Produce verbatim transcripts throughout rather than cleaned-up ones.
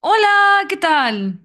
Hola, ¿qué tal?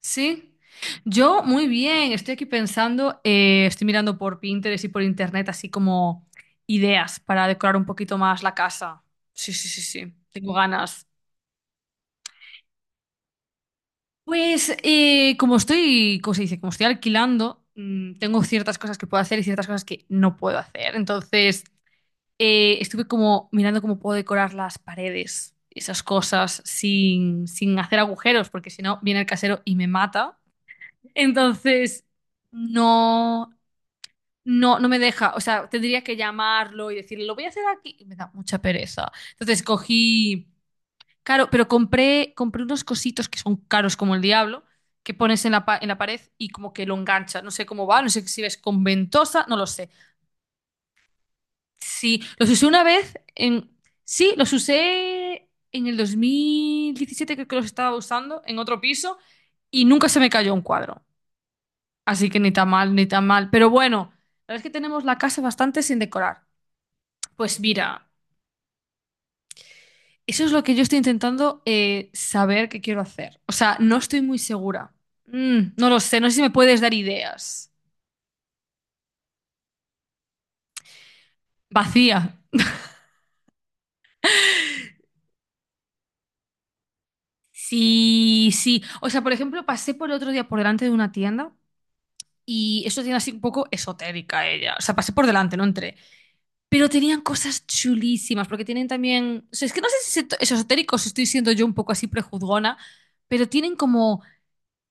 Sí, yo muy bien. Estoy aquí pensando, eh, estoy mirando por Pinterest y por internet así como ideas para decorar un poquito más la casa. Sí, sí, sí, sí. Tengo ganas. Pues eh, como estoy, ¿cómo se dice? Como estoy alquilando, mm, tengo ciertas cosas que puedo hacer y ciertas cosas que no puedo hacer. Entonces, eh, estuve como mirando cómo puedo decorar las paredes, esas cosas, sin, sin hacer agujeros, porque si no, viene el casero y me mata. Entonces, no, no, no me deja. O sea, tendría que llamarlo y decirle, lo voy a hacer aquí. Y me da mucha pereza. Entonces cogí, claro, pero compré, compré unos cositos que son caros como el diablo, que pones en la, pa- en la pared y como que lo engancha. No sé cómo va, no sé si ves con ventosa, no lo sé. Sí, los usé una vez en... Sí, los usé en el dos mil diecisiete, creo que los estaba usando, en otro piso, y nunca se me cayó un cuadro. Así que ni tan mal, ni tan mal. Pero bueno, la verdad es que tenemos la casa bastante sin decorar. Pues mira, eso es lo que yo estoy intentando eh, saber qué quiero hacer. O sea, no estoy muy segura. Mm, no lo sé, no sé si me puedes dar ideas. Vacía. Sí, sí. O sea, por ejemplo, pasé por el otro día por delante de una tienda y es una tienda así un poco esotérica ella. O sea, pasé por delante, no entré. Pero tenían cosas chulísimas, porque tienen también. O sea, es que no sé si es esotérico, si estoy siendo yo un poco así prejuzgona, pero tienen como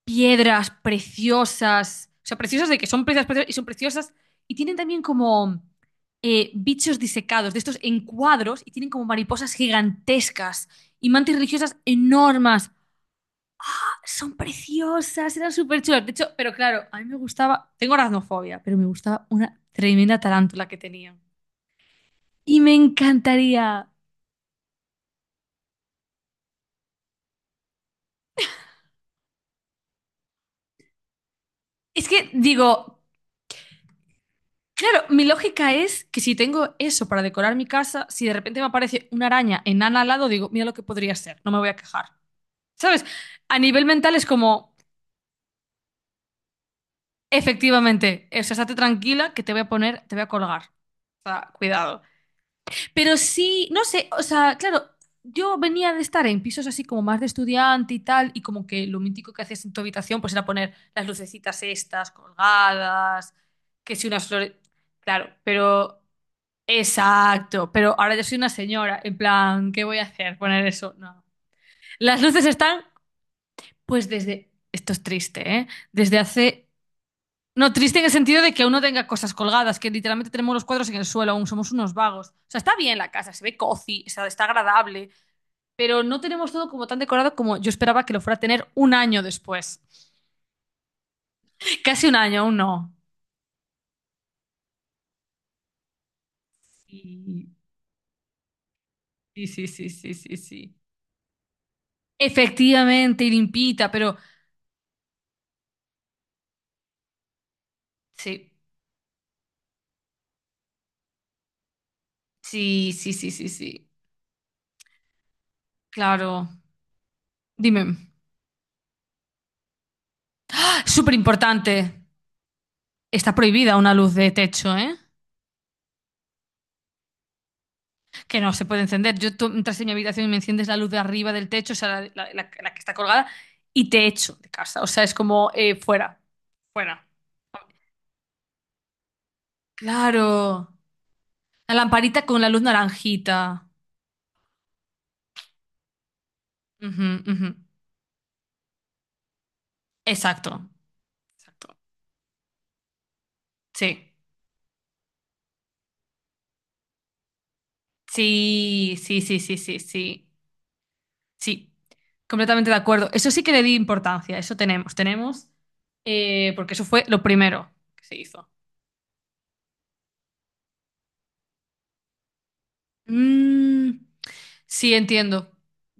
piedras preciosas. O sea, preciosas de que son preciosas, preciosas y son preciosas. Y tienen también como eh, bichos disecados, de estos en cuadros, y tienen como mariposas gigantescas y mantis religiosas enormes. ¡Ah! Son preciosas, eran súper chulas. De hecho, pero claro, a mí me gustaba. Tengo aracnofobia, pero me gustaba una tremenda tarántula que tenían. Y me encantaría. Es que digo, claro, mi lógica es que si tengo eso para decorar mi casa, si de repente me aparece una araña enana al lado, digo, mira lo que podría ser, no me voy a quejar. ¿Sabes? A nivel mental es como, efectivamente, o sea, estate tranquila que te voy a poner, te voy a colgar. O sea, cuidado. Pero sí, no sé, o sea, claro, yo venía de estar en pisos así como más de estudiante y tal, y como que lo mítico que hacías en tu habitación pues era poner las lucecitas estas colgadas, que si unas flores, claro, pero exacto, pero ahora yo soy una señora, en plan, ¿qué voy a hacer? Poner eso, no. Las luces están, pues desde, esto es triste, ¿eh? Desde hace, no, triste en el sentido de que uno tenga cosas colgadas, que literalmente tenemos los cuadros en el suelo, aún somos unos vagos. O sea, está bien la casa, se ve cozy, o sea, está agradable, pero no tenemos todo como tan decorado como yo esperaba que lo fuera a tener un año después. Casi un año, aún no. Sí, sí, sí, sí, sí, sí, sí. Efectivamente, y limpita, pero sí. Sí, sí, sí, sí, sí. Claro. Dime, súper importante. Está prohibida una luz de techo, ¿eh? Que no se puede encender. Yo tú entras en mi habitación y me enciendes la luz de arriba del techo, o sea, la, la- la- la que está colgada, y te echo de casa. O sea, es como eh, fuera, fuera. Claro. La lamparita con la luz naranjita. Ujú, ujú. Exacto, exacto. Sí. Sí, sí, sí, sí, sí, sí. Sí, completamente de acuerdo. Eso sí que le di importancia, eso tenemos, tenemos, eh, porque eso fue lo primero que se hizo. Mm, sí, entiendo.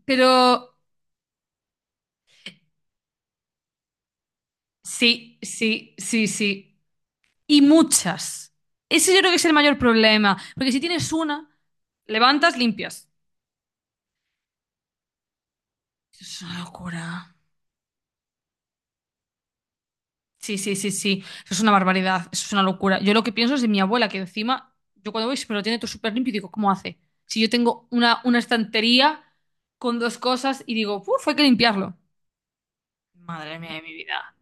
Pero sí, sí, sí, sí. Y muchas. Ese yo creo que es el mayor problema, porque si tienes una, levantas, limpias. Eso es una locura. Sí, sí, sí, sí. Eso es una barbaridad, eso es una locura. Yo lo que pienso es de mi abuela, que encima, yo cuando voy siempre lo tiene todo súper limpio y digo, ¿cómo hace? Si yo tengo una, una estantería con dos cosas y digo, uff, hay que limpiarlo. Madre mía de mi vida.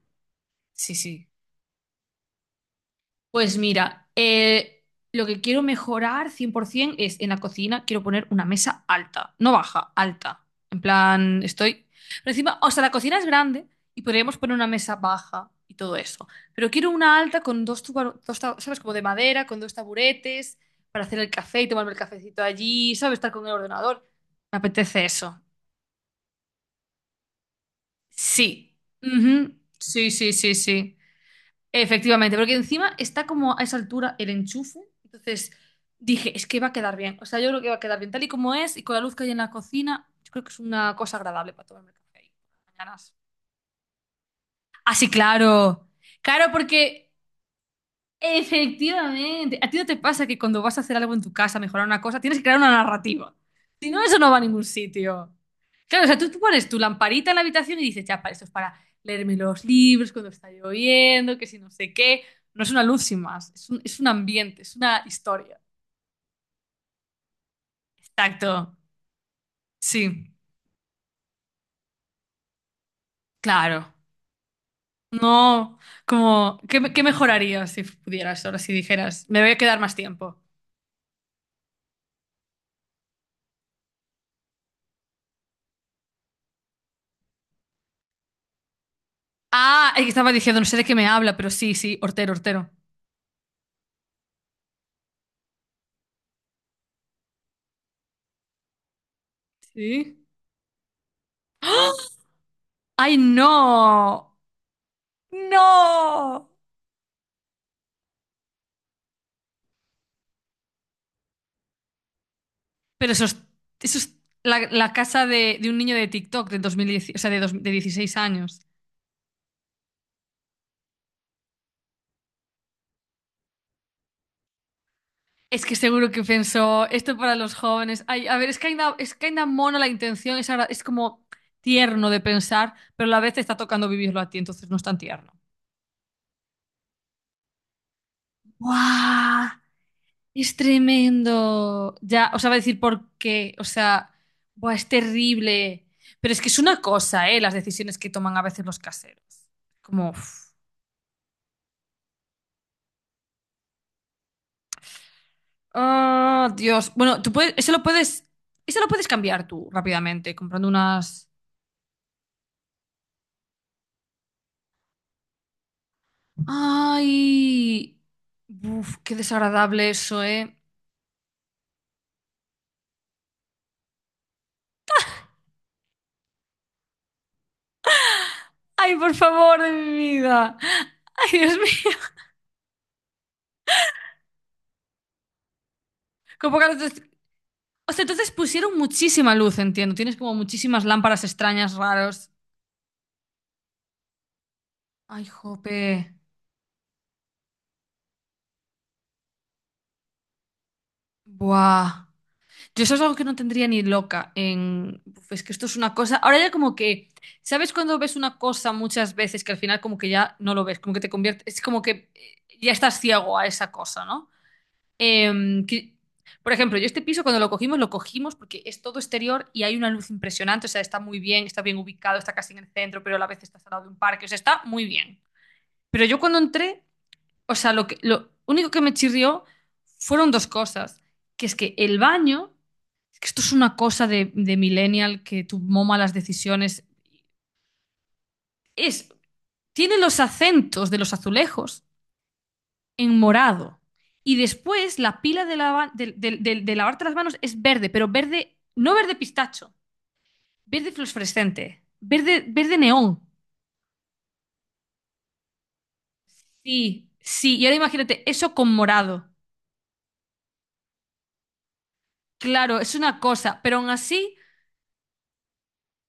Sí, sí. Pues mira, eh, lo que quiero mejorar cien por ciento es en la cocina, quiero poner una mesa alta, no baja, alta. En plan, estoy... Pero encima, o sea, la cocina es grande y podríamos poner una mesa baja y todo eso. Pero quiero una alta con dos, tuba- dos ta- ¿sabes? Como de madera, con dos taburetes, para hacer el café y tomarme el cafecito allí, ¿sabes? Estar con el ordenador. Me apetece eso. Sí. Ujú. Sí, sí, sí, sí. Efectivamente, porque encima está como a esa altura el enchufe. Entonces dije, es que va a quedar bien. O sea, yo creo que va a quedar bien tal y como es y con la luz que hay en la cocina. Yo creo que es una cosa agradable para tomarme el café ahí por las mañanas. Así, claro. Claro, porque efectivamente. ¿A ti no te pasa que cuando vas a hacer algo en tu casa, mejorar una cosa, tienes que crear una narrativa? Si no, eso no va a ningún sitio. Claro, o sea, tú, tú pones tu lamparita en la habitación y dices, ya, para esto es para leerme los libros cuando está lloviendo, que si no sé qué. No es una luz sin más, es un, es un ambiente, es una historia. Exacto. Sí, claro. No, como, ¿qué, me- qué mejorarías si pudieras ahora, si dijeras, me voy a quedar más tiempo? Ah, es que estaba diciendo, no sé de qué me habla, pero sí, sí, hortero, hortero. Sí. ¡Ah! ¡Ay, no! ¡No! Pero eso es, eso es la, la casa de, de un niño de TikTok de dos mil diez, o sea, de, dos- de dieciséis años. Es que seguro que pensó, esto para los jóvenes. Ay, a ver, es que ainda, es que ainda mono la intención, es, agra- es como tierno de pensar, pero a la vez te está tocando vivirlo a ti, entonces no es tan tierno. ¡Guau! Es tremendo. Ya, os sea, va a decir por qué. O sea, buah, es terrible. Pero es que es una cosa, ¿eh? Las decisiones que toman a veces los caseros. Como, uf. Ah, Dios. Bueno, tú puedes, eso lo puedes, eso lo puedes cambiar tú rápidamente, comprando unas. Ay, uf, qué desagradable eso, ¿eh? Ay, por favor, de mi vida. Ay, Dios mío. Con pocas luces- O sea, entonces pusieron muchísima luz, entiendo. Tienes como muchísimas lámparas extrañas, raros. Ay, jope. Buah. Yo eso es algo que no tendría ni loca en... Uf, es que esto es una cosa... Ahora ya como que... ¿Sabes cuando ves una cosa muchas veces que al final como que ya no lo ves? Como que te convierte... Es como que eh, ya estás ciego a esa cosa, ¿no? Em, que- Por ejemplo, yo este piso cuando lo cogimos, lo cogimos porque es todo exterior y hay una luz impresionante. O sea, está muy bien, está bien ubicado, está casi en el centro, pero a la vez está al lado de un parque. O sea, está muy bien. Pero yo cuando entré... O sea, lo que, lo único que me chirrió fueron dos cosas. Que es que el baño, que esto es una cosa de, de millennial que tomó malas decisiones, es, tiene los acentos de los azulejos en morado. Y después la pila de, lava- de- de- de- de lavarte las manos es verde, pero verde, no verde pistacho, verde fluorescente, verde, verde neón. Sí, sí, y ahora imagínate eso con morado. Claro, es una cosa, pero aún así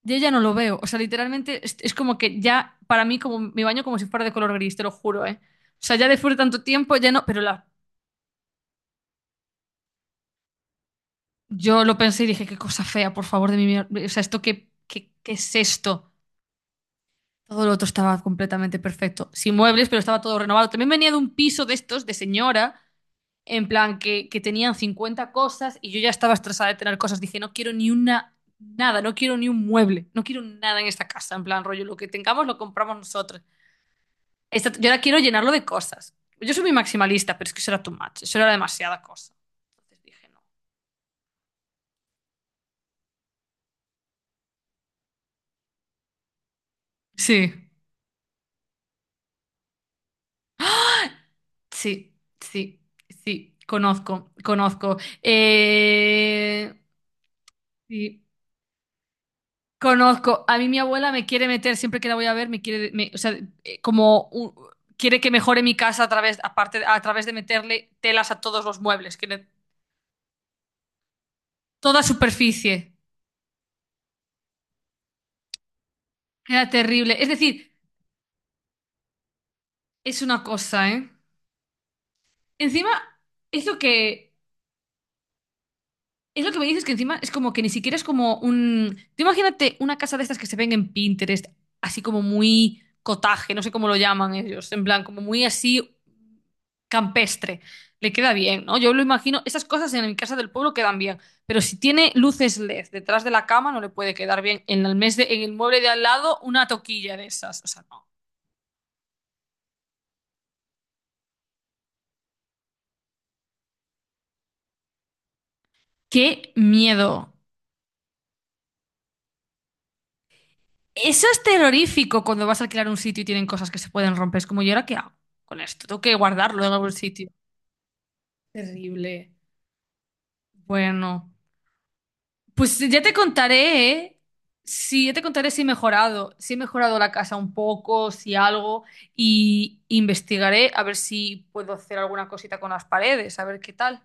yo ya no lo veo. O sea, literalmente es, es como que ya, para mí, como mi baño como si fuera de color gris, te lo juro, ¿eh? O sea, ya después de tanto tiempo, ya no. Pero la, yo lo pensé y dije, qué cosa fea, por favor, de mi mier- O sea, ¿esto qué, qué, qué es esto? Todo lo otro estaba completamente perfecto. Sin muebles, pero estaba todo renovado. También venía de un piso de estos, de señora, en plan que, que tenían cincuenta cosas y yo ya estaba estresada de tener cosas. Dije, no quiero ni una, nada, no quiero ni un mueble, no quiero nada en esta casa. En plan, rollo, lo que tengamos lo compramos nosotros. Esta- yo ahora quiero llenarlo de cosas. Yo soy muy maximalista, pero es que eso era too much, eso era demasiada cosa. Entonces dije no. Sí, sí, sí, sí, conozco, conozco. Eh, sí, conozco. A mí mi abuela me quiere meter, siempre que la voy a ver, me quiere, me- o sea, eh, como un- quiere que mejore mi casa a través, aparte, a través de meterle telas a todos los muebles, que toda superficie. Era terrible. Es decir, es una cosa, ¿eh? Encima, eso que es lo que me dices que encima es como que ni siquiera es como un... Tú imagínate una casa de estas que se ven en Pinterest, así como muy cotaje, no sé cómo lo llaman ellos, en plan, como muy así campestre. Le queda bien, ¿no? Yo lo imagino, esas cosas en mi casa del pueblo quedan bien, pero si tiene luces L E D detrás de la cama no le puede quedar bien. En el mes de- en el mueble de al lado una toquilla de esas, o sea, no. ¡Qué miedo! Eso es terrorífico cuando vas a alquilar un sitio y tienen cosas que se pueden romper. Es como, ¿y ahora qué hago con esto? Tengo que guardarlo en algún sitio. Terrible. Bueno, pues ya te contaré, ¿eh? Sí, ya te contaré si he mejorado, si he mejorado la casa un poco, si algo, y investigaré a ver si puedo hacer alguna cosita con las paredes, a ver qué tal.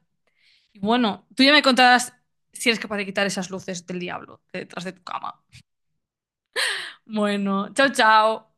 Y bueno, tú ya me contarás si eres capaz de quitar esas luces del diablo de detrás de tu cama. Bueno, chao, chao.